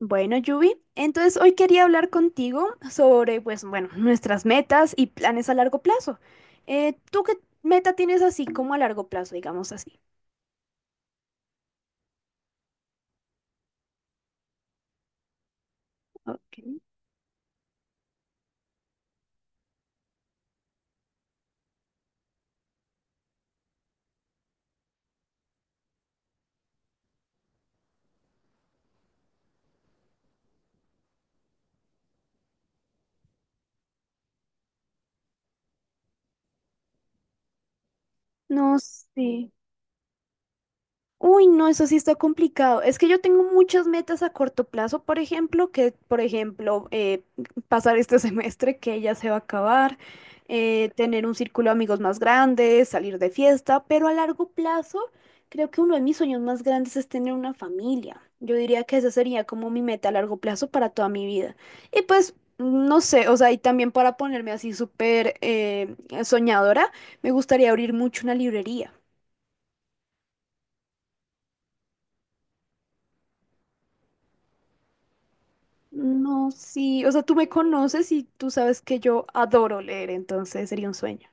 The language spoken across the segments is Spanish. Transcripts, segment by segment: Bueno, Yubi, entonces hoy quería hablar contigo sobre, pues, bueno, nuestras metas y planes a largo plazo. ¿tú qué meta tienes así como a largo plazo, digamos así? Ok. No sé. Uy, no, eso sí está complicado. Es que yo tengo muchas metas a corto plazo, por ejemplo, que, por ejemplo, pasar este semestre que ya se va a acabar, tener un círculo de amigos más grande, salir de fiesta, pero a largo plazo creo que uno de mis sueños más grandes es tener una familia. Yo diría que esa sería como mi meta a largo plazo para toda mi vida. Y pues, no sé, o sea, y también para ponerme así súper soñadora, me gustaría abrir mucho una librería. No, sí, o sea, tú me conoces y tú sabes que yo adoro leer, entonces sería un sueño.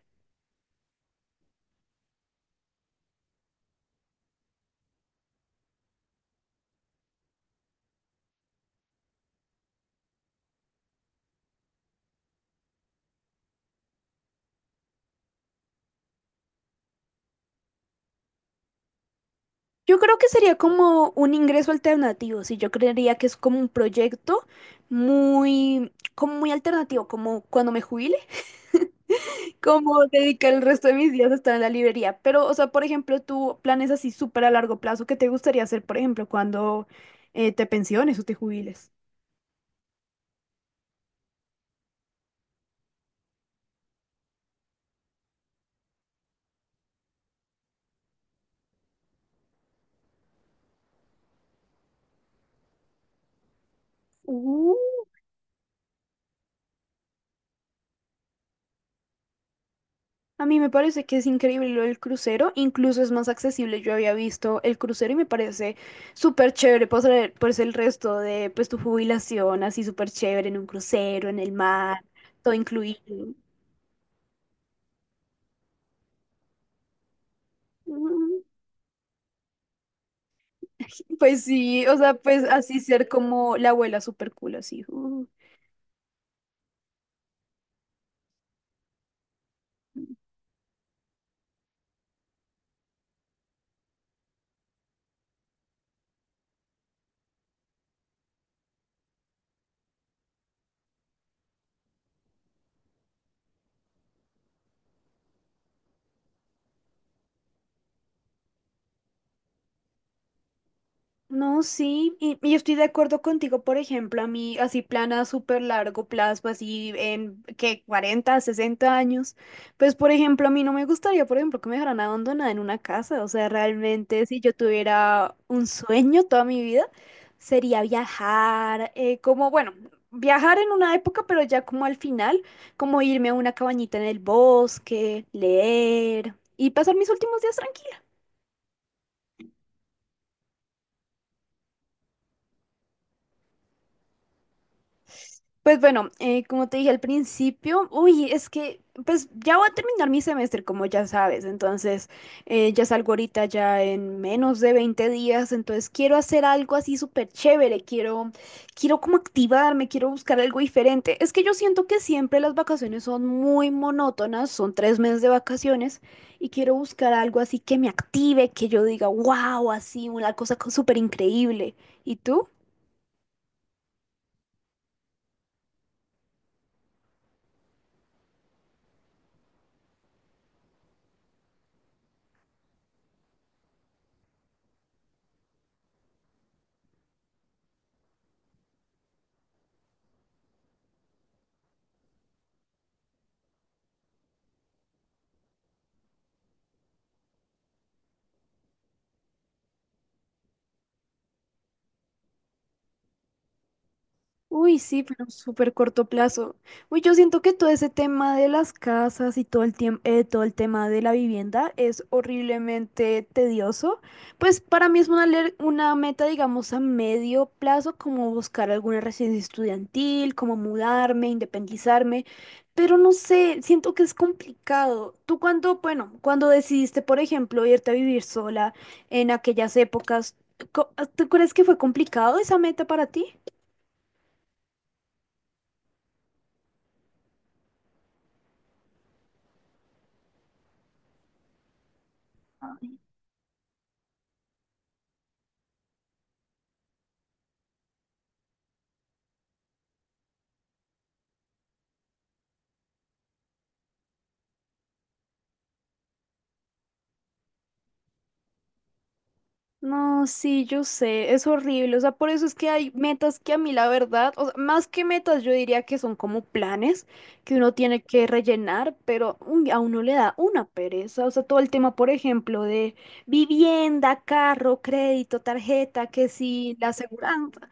Yo creo que sería como un ingreso alternativo, sí, yo creería que es como un proyecto muy, como muy alternativo, como cuando me jubile, como dedicar el resto de mis días a estar en la librería. Pero, o sea, por ejemplo, tú planes así súper a largo plazo, ¿qué te gustaría hacer, por ejemplo, cuando te pensiones o te jubiles? Uh, a mí me parece que es increíble lo del crucero, incluso es más accesible. Yo había visto el crucero y me parece súper chévere pasar pues el resto de pues tu jubilación así súper chévere en un crucero, en el mar, todo incluido. Mm, Pues sí, o sea, pues así ser como la abuela súper cool así. No, sí, y yo estoy de acuerdo contigo, por ejemplo, a mí así plan a súper largo plazo, así en que 40, 60 años, pues por ejemplo, a mí no me gustaría, por ejemplo, que me dejaran abandonada en una casa, o sea, realmente si yo tuviera un sueño toda mi vida, sería viajar, como, bueno, viajar en una época, pero ya como al final, como irme a una cabañita en el bosque, leer y pasar mis últimos días tranquila. Pues bueno, como te dije al principio, uy, es que pues ya voy a terminar mi semestre, como ya sabes, entonces ya salgo ahorita ya en menos de 20 días, entonces quiero hacer algo así súper chévere, quiero como activarme, quiero buscar algo diferente. Es que yo siento que siempre las vacaciones son muy monótonas, son 3 meses de vacaciones y quiero buscar algo así que me active, que yo diga, wow, así, una cosa súper increíble. ¿Y tú? Uy, sí, pero súper corto plazo. Uy, yo siento que todo ese tema de las casas y todo el tiempo, todo el tema de la vivienda es horriblemente tedioso. Pues para mí es una meta, digamos, a medio plazo, como buscar alguna residencia estudiantil, como mudarme, independizarme. Pero no sé, siento que es complicado. Tú cuando decidiste, por ejemplo, irte a vivir sola en aquellas épocas, ¿tú crees que fue complicado esa meta para ti? No, sí, yo sé, es horrible, o sea, por eso es que hay metas que a mí la verdad, o sea, más que metas yo diría que son como planes que uno tiene que rellenar, pero uy, a uno le da una pereza, o sea, todo el tema, por ejemplo, de vivienda, carro, crédito, tarjeta, que sí, la aseguranza.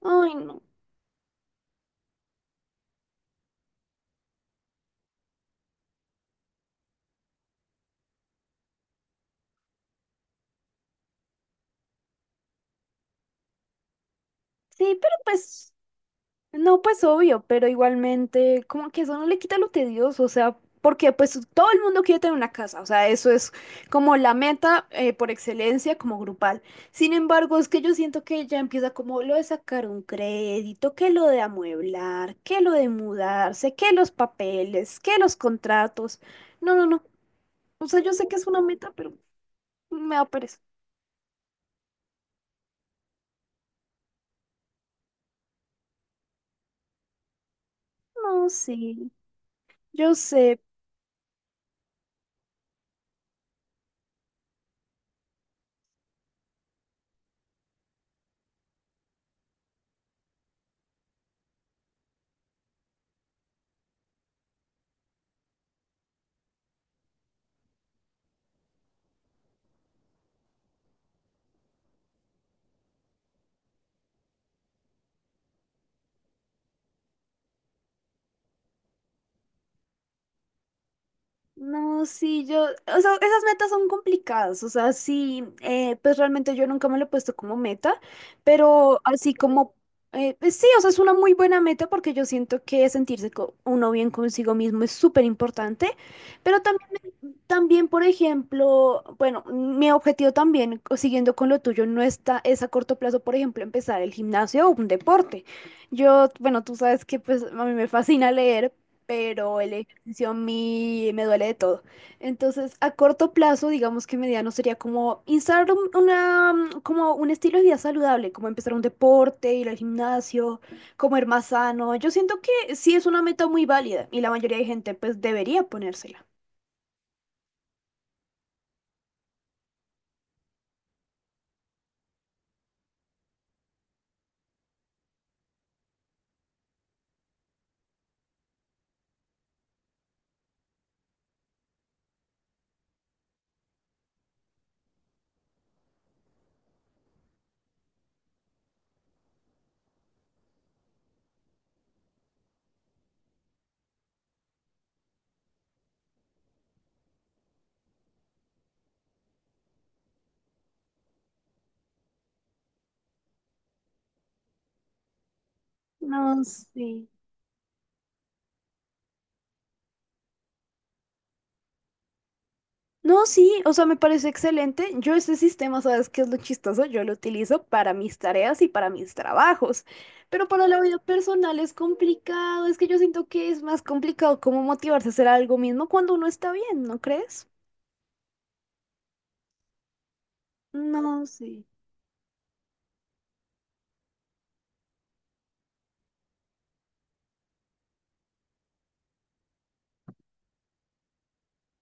Ay, no. Sí, pero pues, no, pues obvio, pero igualmente, como que eso no le quita lo tedioso, o sea, porque pues todo el mundo quiere tener una casa, o sea, eso es como la meta por excelencia como grupal. Sin embargo, es que yo siento que ya empieza como lo de sacar un crédito, que lo de amueblar, que lo de mudarse, que los papeles, que los contratos. No, no, no. O sea, yo sé que es una meta, pero me da pereza. No, sí, yo sé. No, sí, yo, o sea, esas metas son complicadas, o sea, sí, pues realmente yo nunca me lo he puesto como meta, pero así como, pues sí, o sea, es una muy buena meta porque yo siento que sentirse uno bien consigo mismo es súper importante, pero también, también, por ejemplo, bueno, mi objetivo también, siguiendo con lo tuyo, no está, es a corto plazo, por ejemplo, empezar el gimnasio o un deporte. Yo, bueno, tú sabes que pues a mí me fascina leer, pero el ejercicio a mí me duele de todo. Entonces, a corto plazo, digamos que mediano sería como instalar una, como un estilo de vida saludable, como empezar un deporte, ir al gimnasio, comer más sano. Yo siento que sí es una meta muy válida y la mayoría de gente pues debería ponérsela. No sé. No, sí, o sea, me parece excelente. Yo ese sistema, ¿sabes qué es lo chistoso? Yo lo utilizo para mis tareas y para mis trabajos, pero para la vida personal es complicado. Es que yo siento que es más complicado como motivarse a hacer algo mismo cuando uno está bien, ¿no crees? No, sí.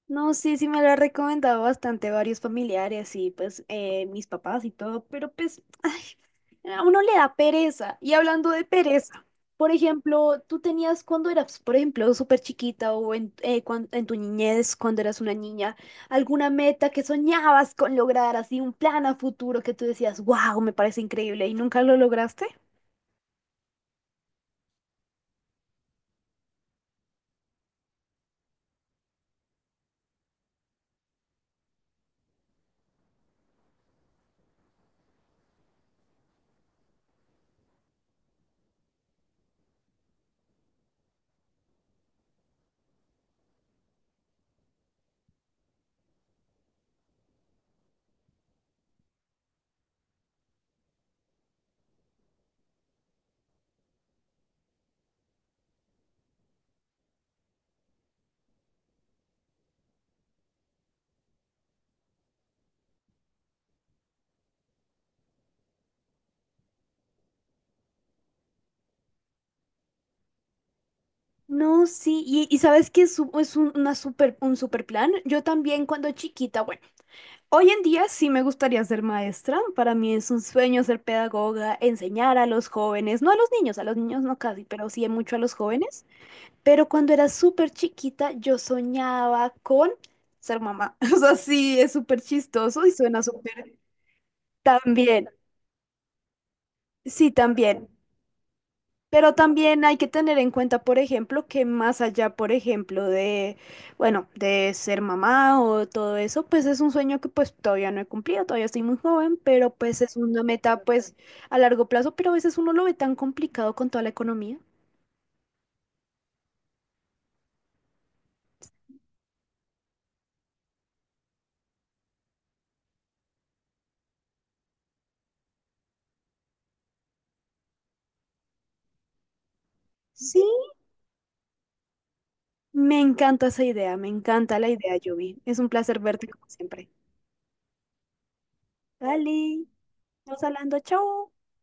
No, sí, sí me lo ha recomendado bastante varios familiares y pues mis papás y todo, pero pues ay, a uno le da pereza. Y hablando de pereza, por ejemplo, tú tenías cuando eras, por ejemplo, súper chiquita o en tu niñez, cuando eras una niña, alguna meta que soñabas con lograr, así un plan a futuro que tú decías, wow, me parece increíble y nunca lo lograste. No, sí, y sabes que es un- una super, un super plan. Yo también cuando chiquita, bueno. Hoy en día sí me gustaría ser maestra. Para mí es un sueño ser pedagoga, enseñar a los jóvenes, no a los niños, a los niños no casi, pero sí mucho a los jóvenes. Pero cuando era súper chiquita yo soñaba con ser mamá. O sea, sí, es súper chistoso y suena súper. También, sí, también. Pero también hay que tener en cuenta, por ejemplo, que más allá, por ejemplo, de ser mamá o todo eso, pues es un sueño que pues todavía no he cumplido, todavía estoy muy joven, pero pues es una meta pues a largo plazo, pero a veces uno lo ve tan complicado con toda la economía. Sí, me encanta esa idea, me encanta la idea, Yubi. Es un placer verte como siempre. Dale, nos hablando, chao.